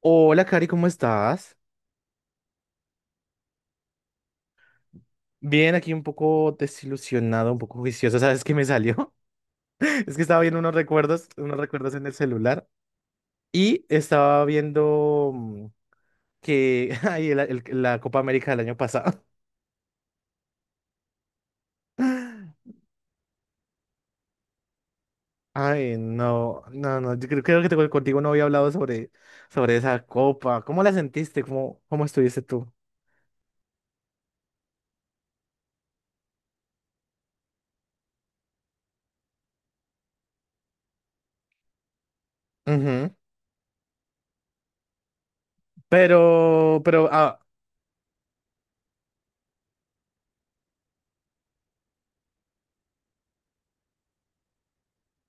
Hola, Cari, ¿cómo estás? Bien, aquí un poco desilusionado, un poco juicioso. ¿Sabes qué me salió? Es que estaba viendo unos recuerdos en el celular y estaba viendo que ay, la Copa América del año pasado. Ay, no, no, no. Creo que contigo no había hablado sobre, sobre esa copa. ¿Cómo la sentiste? ¿Cómo, cómo estuviste tú? Ujú. Pero, pero, ah,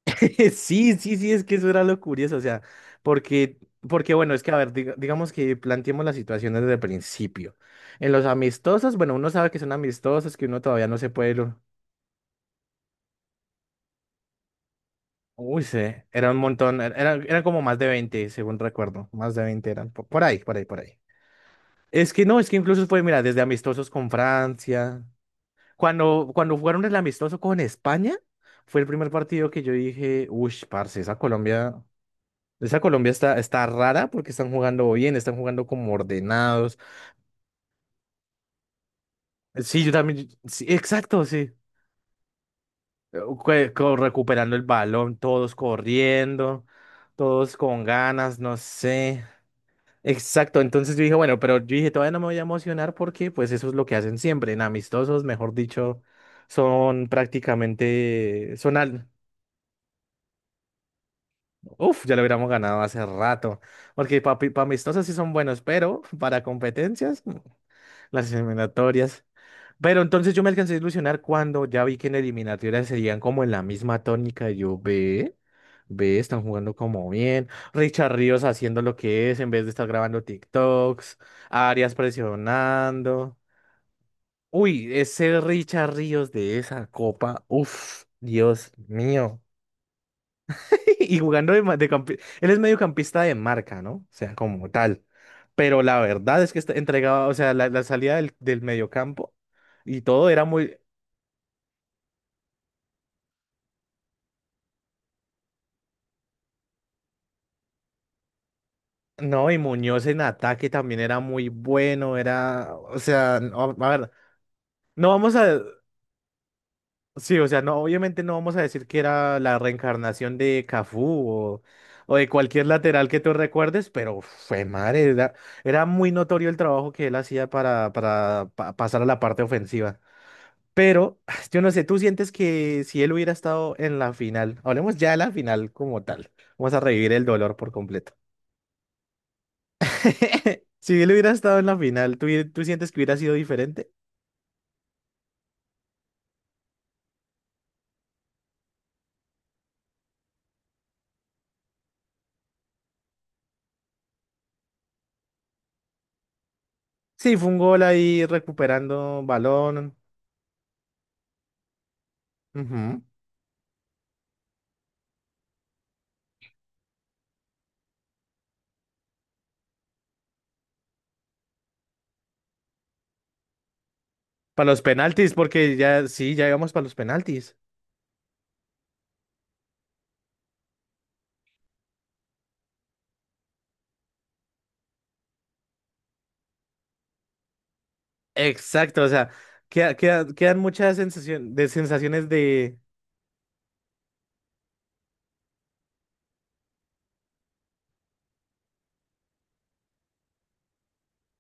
Sí, sí, sí, es que eso era lo curioso, o sea, porque, porque bueno, es que a ver, digamos que planteemos la situación desde el principio. En los amistosos, bueno, uno sabe que son amistosos, que uno todavía no se puede... lo-. Uy, se era un montón, eran como más de 20, según recuerdo, más de 20 eran, por ahí, por ahí, por ahí. Es que no, es que incluso fue, mira, desde amistosos con Francia, cuando jugaron el amistoso con España, fue el primer partido que yo dije, uy, parce, esa Colombia... Esa Colombia está, está rara porque están jugando bien, están jugando como ordenados. Sí, yo también. Sí, exacto, sí. Recuperando el balón, todos corriendo, todos con ganas, no sé. Exacto, entonces yo dije, bueno, pero yo dije, todavía no me voy a emocionar porque pues eso es lo que hacen siempre, en amistosos, mejor dicho, son prácticamente, son al... Uf, ya lo hubiéramos ganado hace rato, porque para amistosos sí son buenos, pero para competencias, las eliminatorias. Pero entonces yo me alcancé a ilusionar cuando ya vi que en eliminatorias serían como en la misma tónica. Y yo ve, están jugando como bien. Richard Ríos haciendo lo que es en vez de estar grabando TikToks. Arias presionando. Uy, ese Richard Ríos de esa copa. Uf, Dios mío. Y jugando de, él es mediocampista de marca, ¿no? O sea, como tal. Pero la verdad es que está entregaba, o sea, la salida del, del mediocampo y todo era muy. No, y Muñoz en ataque también era muy bueno, era, o sea, no, a ver, no vamos a, sí, o sea, no, obviamente no vamos a decir que era la reencarnación de Cafú o de cualquier lateral que tú recuerdes, pero fue madre, era, era muy notorio el trabajo que él hacía para, pasar a la parte ofensiva. Pero, yo no sé, ¿tú sientes que si él hubiera estado en la final, hablemos ya de la final como tal, vamos a revivir el dolor por completo. Si él hubiera estado en la final, ¿tú sientes que hubiera sido diferente? Sí, fue un gol ahí recuperando balón. Ujú. Para los penaltis, porque ya, sí, ya íbamos para los penaltis. Exacto, o sea, quedan muchas sensación- de sensaciones de...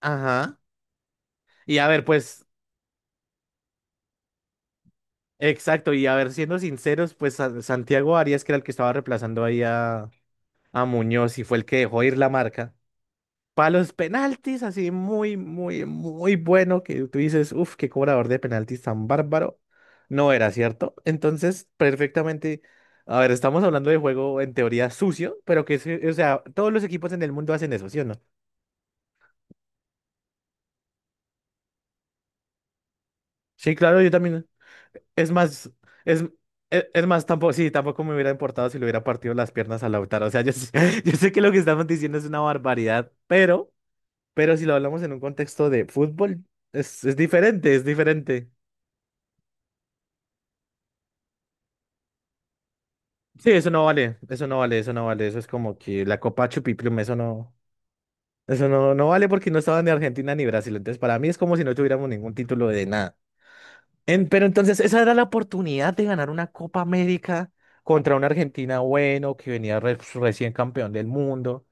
Ajá. Y a ver, pues, exacto, y a ver, siendo sinceros, pues Santiago Arias, que era el que estaba reemplazando ahí a Muñoz y fue el que dejó ir la marca. Para los penaltis, así muy, muy, muy bueno, que tú dices, uff, qué cobrador de penaltis tan bárbaro. No era cierto. Entonces, perfectamente. A ver, estamos hablando de juego en teoría sucio, pero que, o sea, todos los equipos en el mundo hacen eso, ¿sí o no? Sí, claro, yo también. Es más, es, es más, tampoco, sí, tampoco me hubiera importado si le hubiera partido las piernas a Lautaro. O sea, yo, sé- yo sé que lo que estamos diciendo es una barbaridad, pero si lo hablamos en un contexto de fútbol, es diferente, es diferente. Sí, eso no vale, eso no vale, eso no vale, eso es como que la Copa Chupiplum, eso no, no vale porque no estaba ni Argentina ni Brasil, entonces para mí es como si no tuviéramos ningún título de nada. En-, pero entonces esa era la oportunidad de ganar una Copa América contra una Argentina bueno que venía recién campeón del mundo.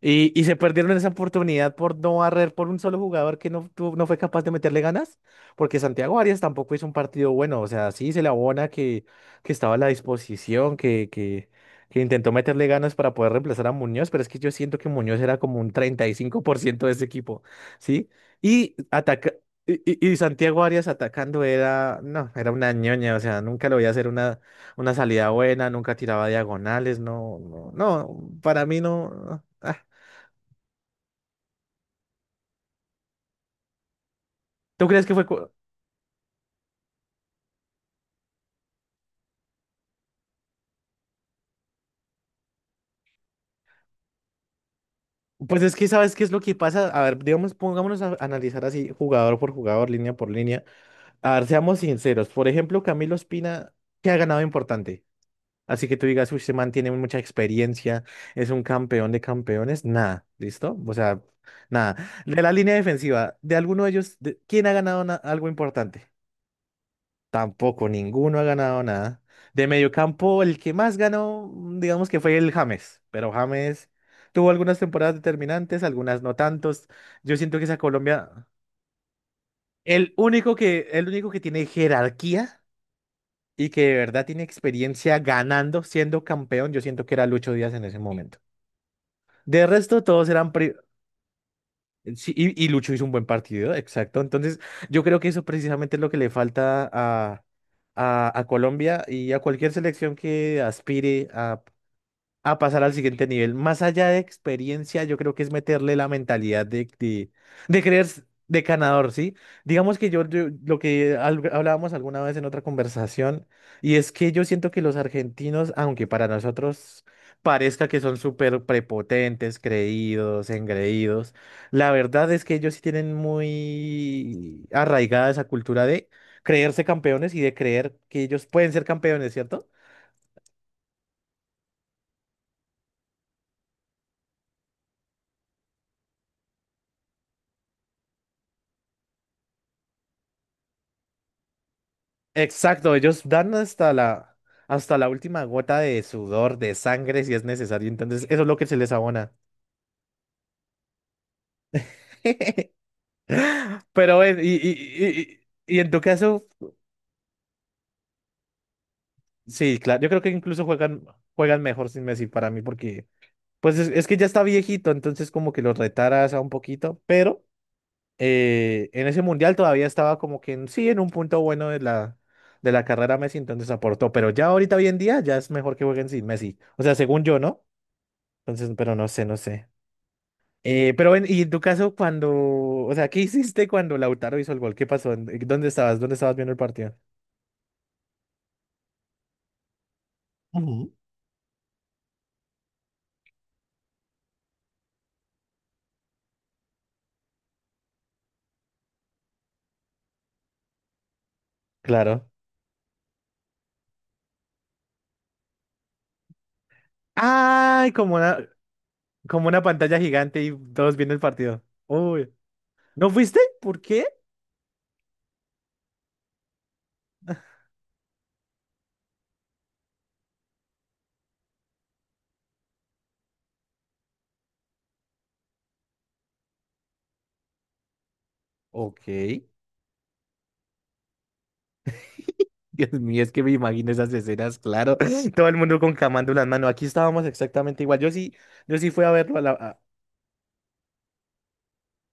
Y se perdieron esa oportunidad por no barrer por un solo jugador que no, no fue capaz de meterle ganas, porque Santiago Arias tampoco hizo un partido bueno, o sea, sí se le abona que estaba a la disposición, que intentó meterle ganas para poder reemplazar a Muñoz, pero es que yo siento que Muñoz era como un 35% de ese equipo, ¿sí? Y, ataca y, y Santiago Arias atacando era, no, era una ñoña, o sea, nunca lo veía hacer una salida buena, nunca tiraba diagonales, no, no, no, para mí no. Ah, ¿tú crees que fue...? Cu-. Pues es que, ¿sabes qué es lo que pasa? A ver, digamos, pongámonos a analizar así, jugador por jugador, línea por línea. A ver, seamos sinceros. Por ejemplo, Camilo Espina, ¿qué ha ganado importante? Así que tú digas, uy, ese man tiene mucha experiencia, es un campeón de campeones. Nada, ¿listo? O sea, nada. De la línea defensiva, de alguno de ellos, ¿quién ha ganado algo importante? Tampoco, ninguno ha ganado nada. De mediocampo, el que más ganó, digamos que fue el James, pero James tuvo algunas temporadas determinantes, algunas no tantos. Yo siento que esa Colombia, el único que tiene jerarquía y que de verdad tiene experiencia ganando, siendo campeón, yo siento que era Lucho Díaz en ese momento. De resto, todos eran, pri-. Sí, y Lucho hizo un buen partido, exacto. Entonces, yo creo que eso precisamente es lo que le falta a Colombia y a cualquier selección que aspire a pasar al siguiente nivel. Más allá de experiencia, yo creo que es meterle la mentalidad de creer de ganador, ¿sí? Digamos que yo, lo que hablábamos alguna vez en otra conversación, y es que yo siento que los argentinos, aunque para nosotros parezca que son súper prepotentes, creídos, engreídos, la verdad es que ellos sí tienen muy arraigada esa cultura de creerse campeones y de creer que ellos pueden ser campeones, ¿cierto? Exacto, ellos dan hasta la última gota de sudor, de sangre, si es necesario. Entonces, eso es lo que se les abona. Pero, y en tu caso, sí, claro, yo creo que incluso juegan, juegan mejor sin Messi para mí, porque, pues es que ya está viejito, entonces como que lo retaras a un poquito, pero en ese mundial todavía estaba como que en- sí, en un punto bueno de la carrera Messi, entonces aportó, pero ya ahorita hoy en día ya es mejor que jueguen sin Messi. O sea, según yo, ¿no? Entonces, pero no sé, no sé. Pero en, y en tu caso, cuando, o sea, ¿qué hiciste cuando Lautaro hizo el gol? ¿Qué pasó? ¿En- ¿dónde estabas? ¿Dónde estabas viendo el partido? Ujú. Claro. ¡Ay! Como una pantalla gigante y todos viendo el partido. Uy. ¿No fuiste? ¿Por qué? Ok. Dios mío, es que me imagino esas escenas, claro. Todo el mundo con camándulas, mano. Aquí estábamos exactamente igual. Yo sí, yo sí fui a verlo a la, a-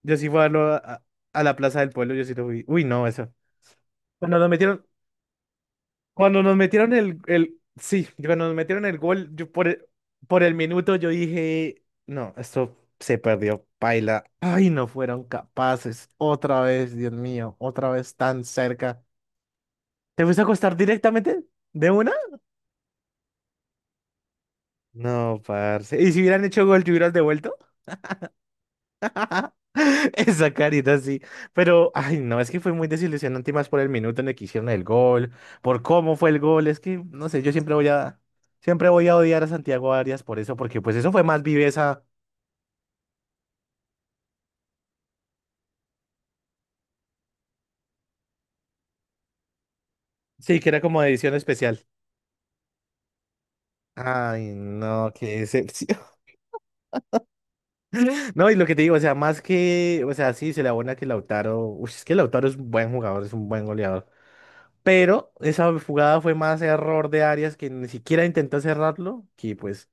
yo sí fui a verlo a la Plaza del Pueblo, yo sí lo fui. Uy, no, eso. Cuando nos metieron. Cuando nos metieron el, sí, cuando nos metieron el gol, yo por el minuto yo dije, no, esto se perdió, paila. Ay, no fueron capaces. Otra vez, Dios mío, otra vez tan cerca. ¿Te fuiste a acostar directamente? ¿De una? No, parce. ¿Y si hubieran hecho gol, te hubieras devuelto? Esa carita, sí. Pero, ay, no, es que fue muy desilusionante y más por el minuto en el que hicieron el gol, por cómo fue el gol. Es que, no sé, yo siempre voy a odiar a Santiago Arias por eso, porque pues eso fue más viveza. Sí, que era como de edición especial. Ay, no, qué decepción. No, y lo que te digo, o sea, más que, o sea, sí, se le abona que Lautaro, uy, es que Lautaro es un buen jugador, es un buen goleador. Pero esa jugada fue más error de Arias que ni siquiera intentó cerrarlo, que pues,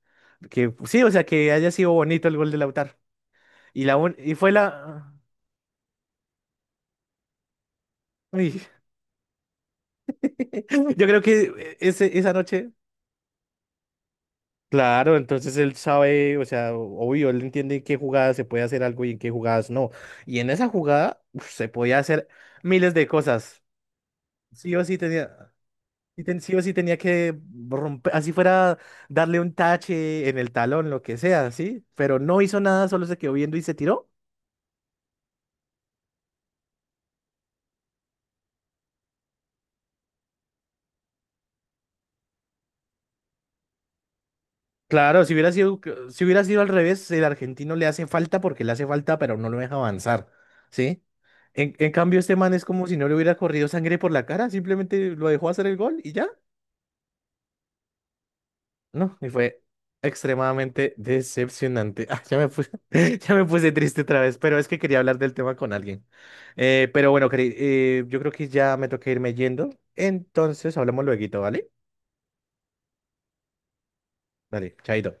que sí, o sea, que haya sido bonito el gol de Lautaro. Y, la, un- y fue la... Uy. Yo creo que ese, esa noche, claro, entonces él sabe, o sea, obvio, él entiende en qué jugadas se puede hacer algo y en qué jugadas no. Y en esa jugada, uf, se podía hacer miles de cosas. Sí o sí tenía. Y sí o sí tenía que romper, así fuera darle un tache en el talón, lo que sea, ¿sí? Pero no hizo nada, solo se quedó viendo y se tiró. Claro, si hubiera sido, si hubiera sido al revés, el argentino le hace falta porque le hace falta, pero no lo deja avanzar, ¿sí? En cambio, este man es como si no le hubiera corrido sangre por la cara, simplemente lo dejó hacer el gol y ya. No, y fue extremadamente decepcionante. Ah, ya me puse, ya me puse triste otra vez, pero es que quería hablar del tema con alguien. Pero bueno, Cari, yo creo que ya me toca irme yendo. Entonces hablamos luego, ¿vale? Dale, chaito.